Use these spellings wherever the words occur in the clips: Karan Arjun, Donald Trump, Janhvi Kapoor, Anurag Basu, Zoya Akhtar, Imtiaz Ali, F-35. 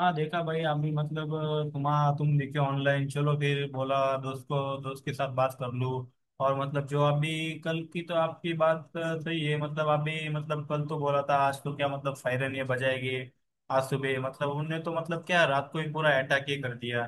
हाँ, देखा भाई। हम भी तुम देखे ऑनलाइन। चलो फिर बोला दोस्त को दोस्त के साथ बात कर लूँ। और मतलब जो अभी कल की तो आपकी बात सही है। मतलब अभी मतलब कल तो बोला था, आज तो क्या मतलब सायरन ये बजाएगी। आज सुबह मतलब उनने तो मतलब क्या रात को ही पूरा अटैक ही कर दिया।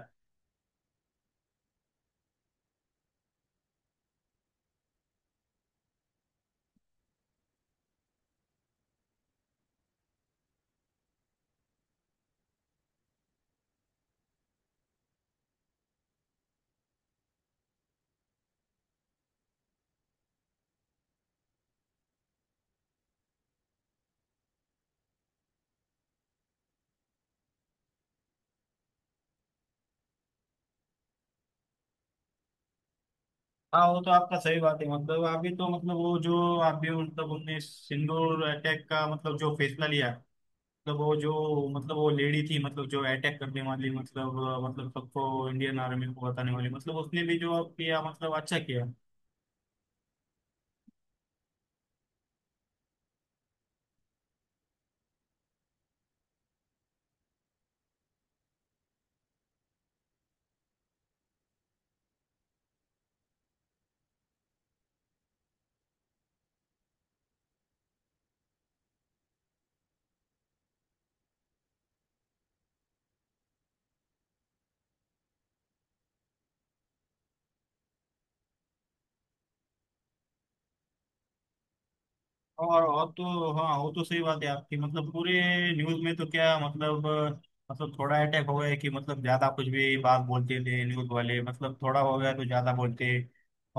हाँ, वो तो आपका सही बात है। मतलब अभी तो मतलब वो जो अभी मतलब उनने सिंदूर अटैक का मतलब जो फैसला लिया मतलब वो जो मतलब वो लेडी थी मतलब जो अटैक करने वाली मतलब सबको इंडियन आर्मी को बताने वाली मतलब उसने भी जो किया मतलब अच्छा किया। और तो हाँ, वो तो सही बात है आपकी। मतलब पूरे न्यूज में तो क्या मतलब थोड़ा अटैक हो गया कि मतलब ज्यादा कुछ भी बात बोलते थे न्यूज वाले, मतलब थोड़ा हो गया तो ज्यादा बोलते।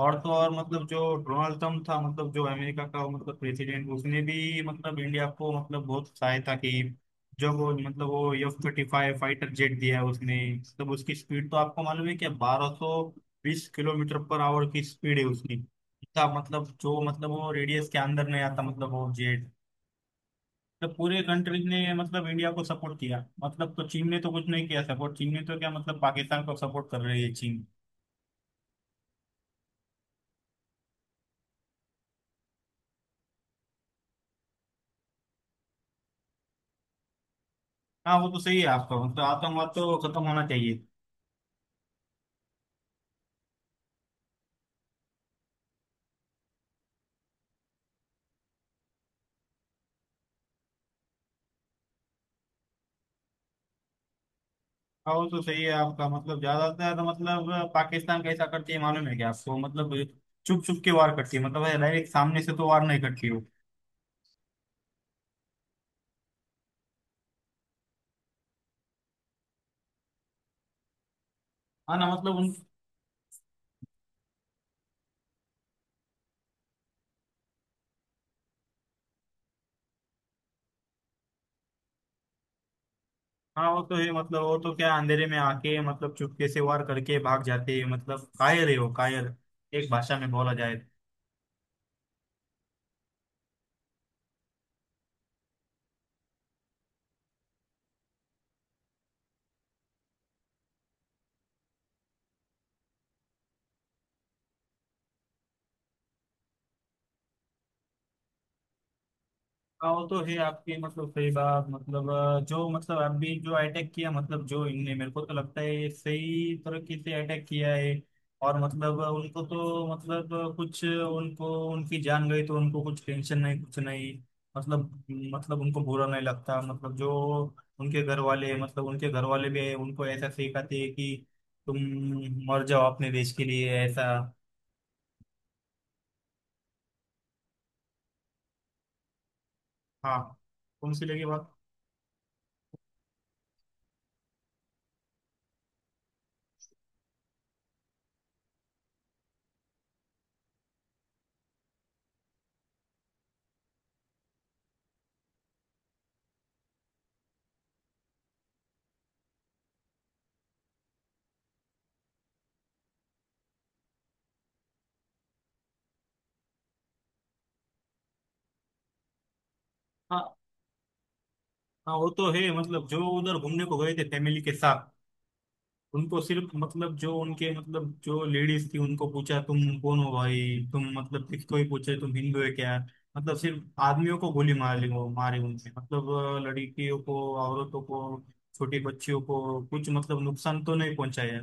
और तो और मतलब जो डोनाल्ड ट्रम्प था मतलब जो अमेरिका का मतलब प्रेसिडेंट, उसने भी मतलब इंडिया को मतलब बहुत सहायता की। जो वो मतलब वो F-35 फाइटर जेट दिया उसने, मतलब उसकी स्पीड तो आपको मालूम है क्या? 1220 किलोमीटर पर आवर की स्पीड है उसकी। था मतलब जो मतलब वो रेडियस के अंदर नहीं आता, मतलब वो जेड। मतलब पूरे कंट्रीज ने मतलब इंडिया को सपोर्ट किया मतलब। तो चीन ने तो कुछ नहीं किया सपोर्ट। चीन ने तो क्या मतलब पाकिस्तान को सपोर्ट कर रही है चीन। हाँ, वो तो सही है आपका। मतलब आतंकवाद तो खत्म होना चाहिए। हाँ, वो तो सही है आपका। मतलब ज्यादातर तो, मतलब पाकिस्तान कैसा करती है मालूम है क्या आपको? मतलब छुप छुप के वार करती है, मतलब डायरेक्ट सामने से तो वार नहीं करती वो। हाँ ना मतलब। हाँ, वो तो है। मतलब वो तो क्या अंधेरे में आके मतलब चुपके से वार करके भाग जाते हैं। मतलब कायर है वो, कायर एक भाषा में बोला जाए तो। हाँ, वो तो है आपकी मतलब सही बात। मतलब जो मतलब अभी जो अटैक किया मतलब जो इनने, मेरे को तो लगता है ये सही तरीके से अटैक किया है। और मतलब उनको तो मतलब कुछ उनको उनकी जान गई तो उनको कुछ टेंशन नहीं, कुछ नहीं। मतलब उनको बुरा नहीं लगता। मतलब जो उनके घर वाले मतलब उनके घर वाले भी उनको ऐसा सिखाते हैं कि तुम मर जाओ अपने देश के लिए, ऐसा। हाँ। कौन सी लगी बात? हाँ, वो तो है। मतलब जो उधर घूमने को गए थे फैमिली के साथ उनको सिर्फ मतलब जो उनके मतलब जो लेडीज थी उनको पूछा तुम कौन हो भाई? तुम मतलब किसको ही पूछे तुम हिंदू है क्या? मतलब सिर्फ आदमियों को गोली मार ली वो, मारे उनसे मतलब लड़कियों को, औरतों को, छोटी बच्चियों को कुछ मतलब नुकसान तो नहीं पहुंचाया।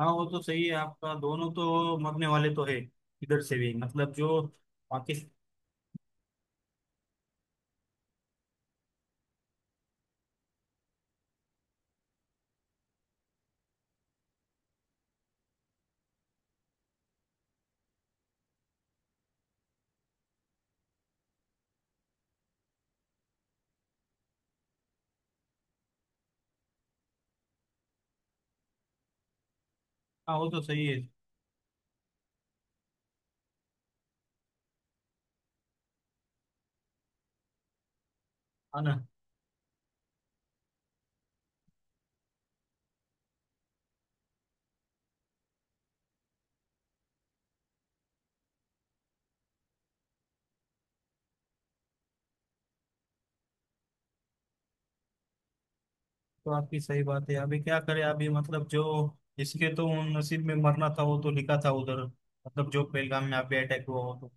हाँ, वो तो सही है आपका। दोनों तो मरने वाले तो है। इधर से भी मतलब जो पाकिस्तान। हाँ, वो तो सही है। हाँ ना। तो आपकी सही बात है। अभी क्या करें? अभी मतलब जो जिसके तो नसीब में मरना था वो तो लिखा था उधर। मतलब जो पहलगाम में अभी अटैक हुआ हो तो।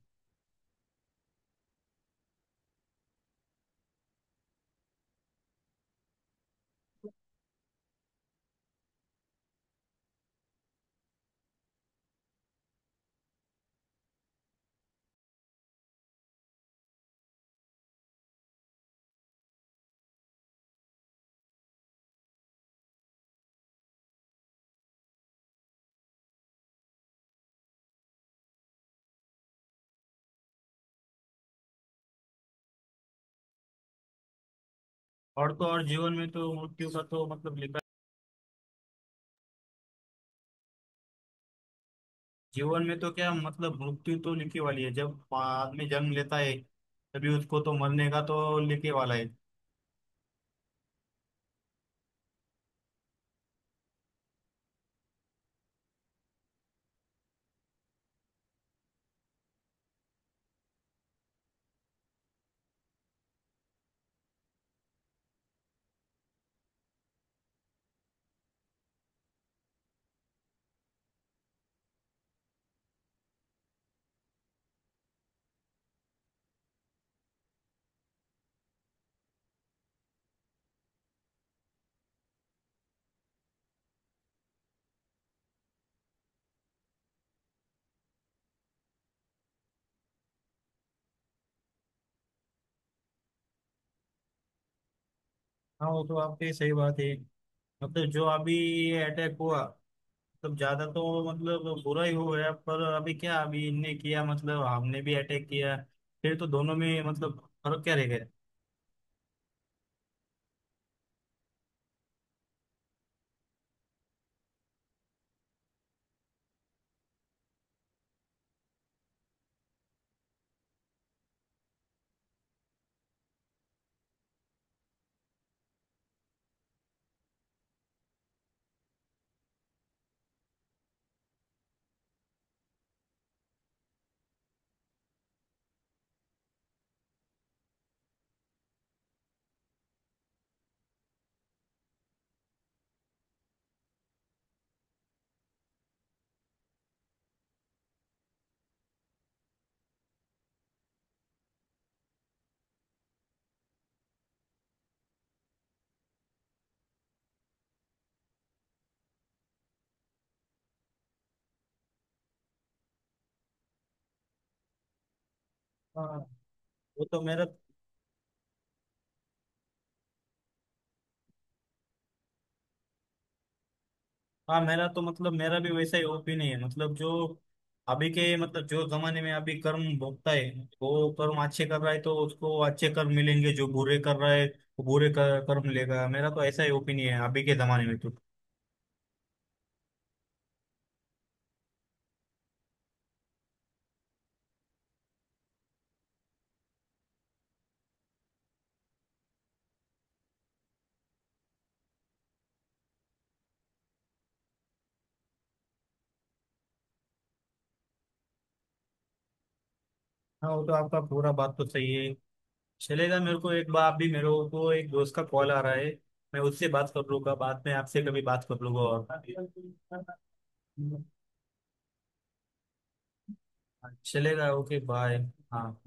और तो और जीवन में तो मृत्यु का तो मतलब लिखा। जीवन में तो क्या मतलब मृत्यु तो लिखी वाली है। जब आदमी जन्म लेता है तभी उसको तो मरने का तो लिखे वाला है। हाँ, वो तो आपकी सही बात है। मतलब जो अभी अटैक हुआ मतलब ज्यादा तो मतलब बुरा ही हो गया, पर अभी क्या अभी इनने किया मतलब हमने भी अटैक किया। फिर तो दोनों में मतलब फर्क क्या रह गया? हाँ, वो तो मेरा। हाँ, मेरा तो मतलब मेरा भी वैसा ही ओपिनियन है। मतलब जो अभी के मतलब जो जमाने में अभी कर्म भोगता है वो, कर्म अच्छे कर रहा है तो उसको अच्छे कर्म मिलेंगे। जो बुरे कर रहा है वो बुरे कर्म लेगा। मेरा तो ऐसा ही ओपिनियन है अभी के जमाने में तो। हाँ, वो तो आपका पूरा बात तो सही है। चलेगा, मेरे को एक बार अभी मेरे को एक दोस्त का कॉल आ रहा है। मैं उससे बात कर लूंगा, बाद में आपसे कभी बात कर लूंगा, और चलेगा। Okay, bye. हाँ।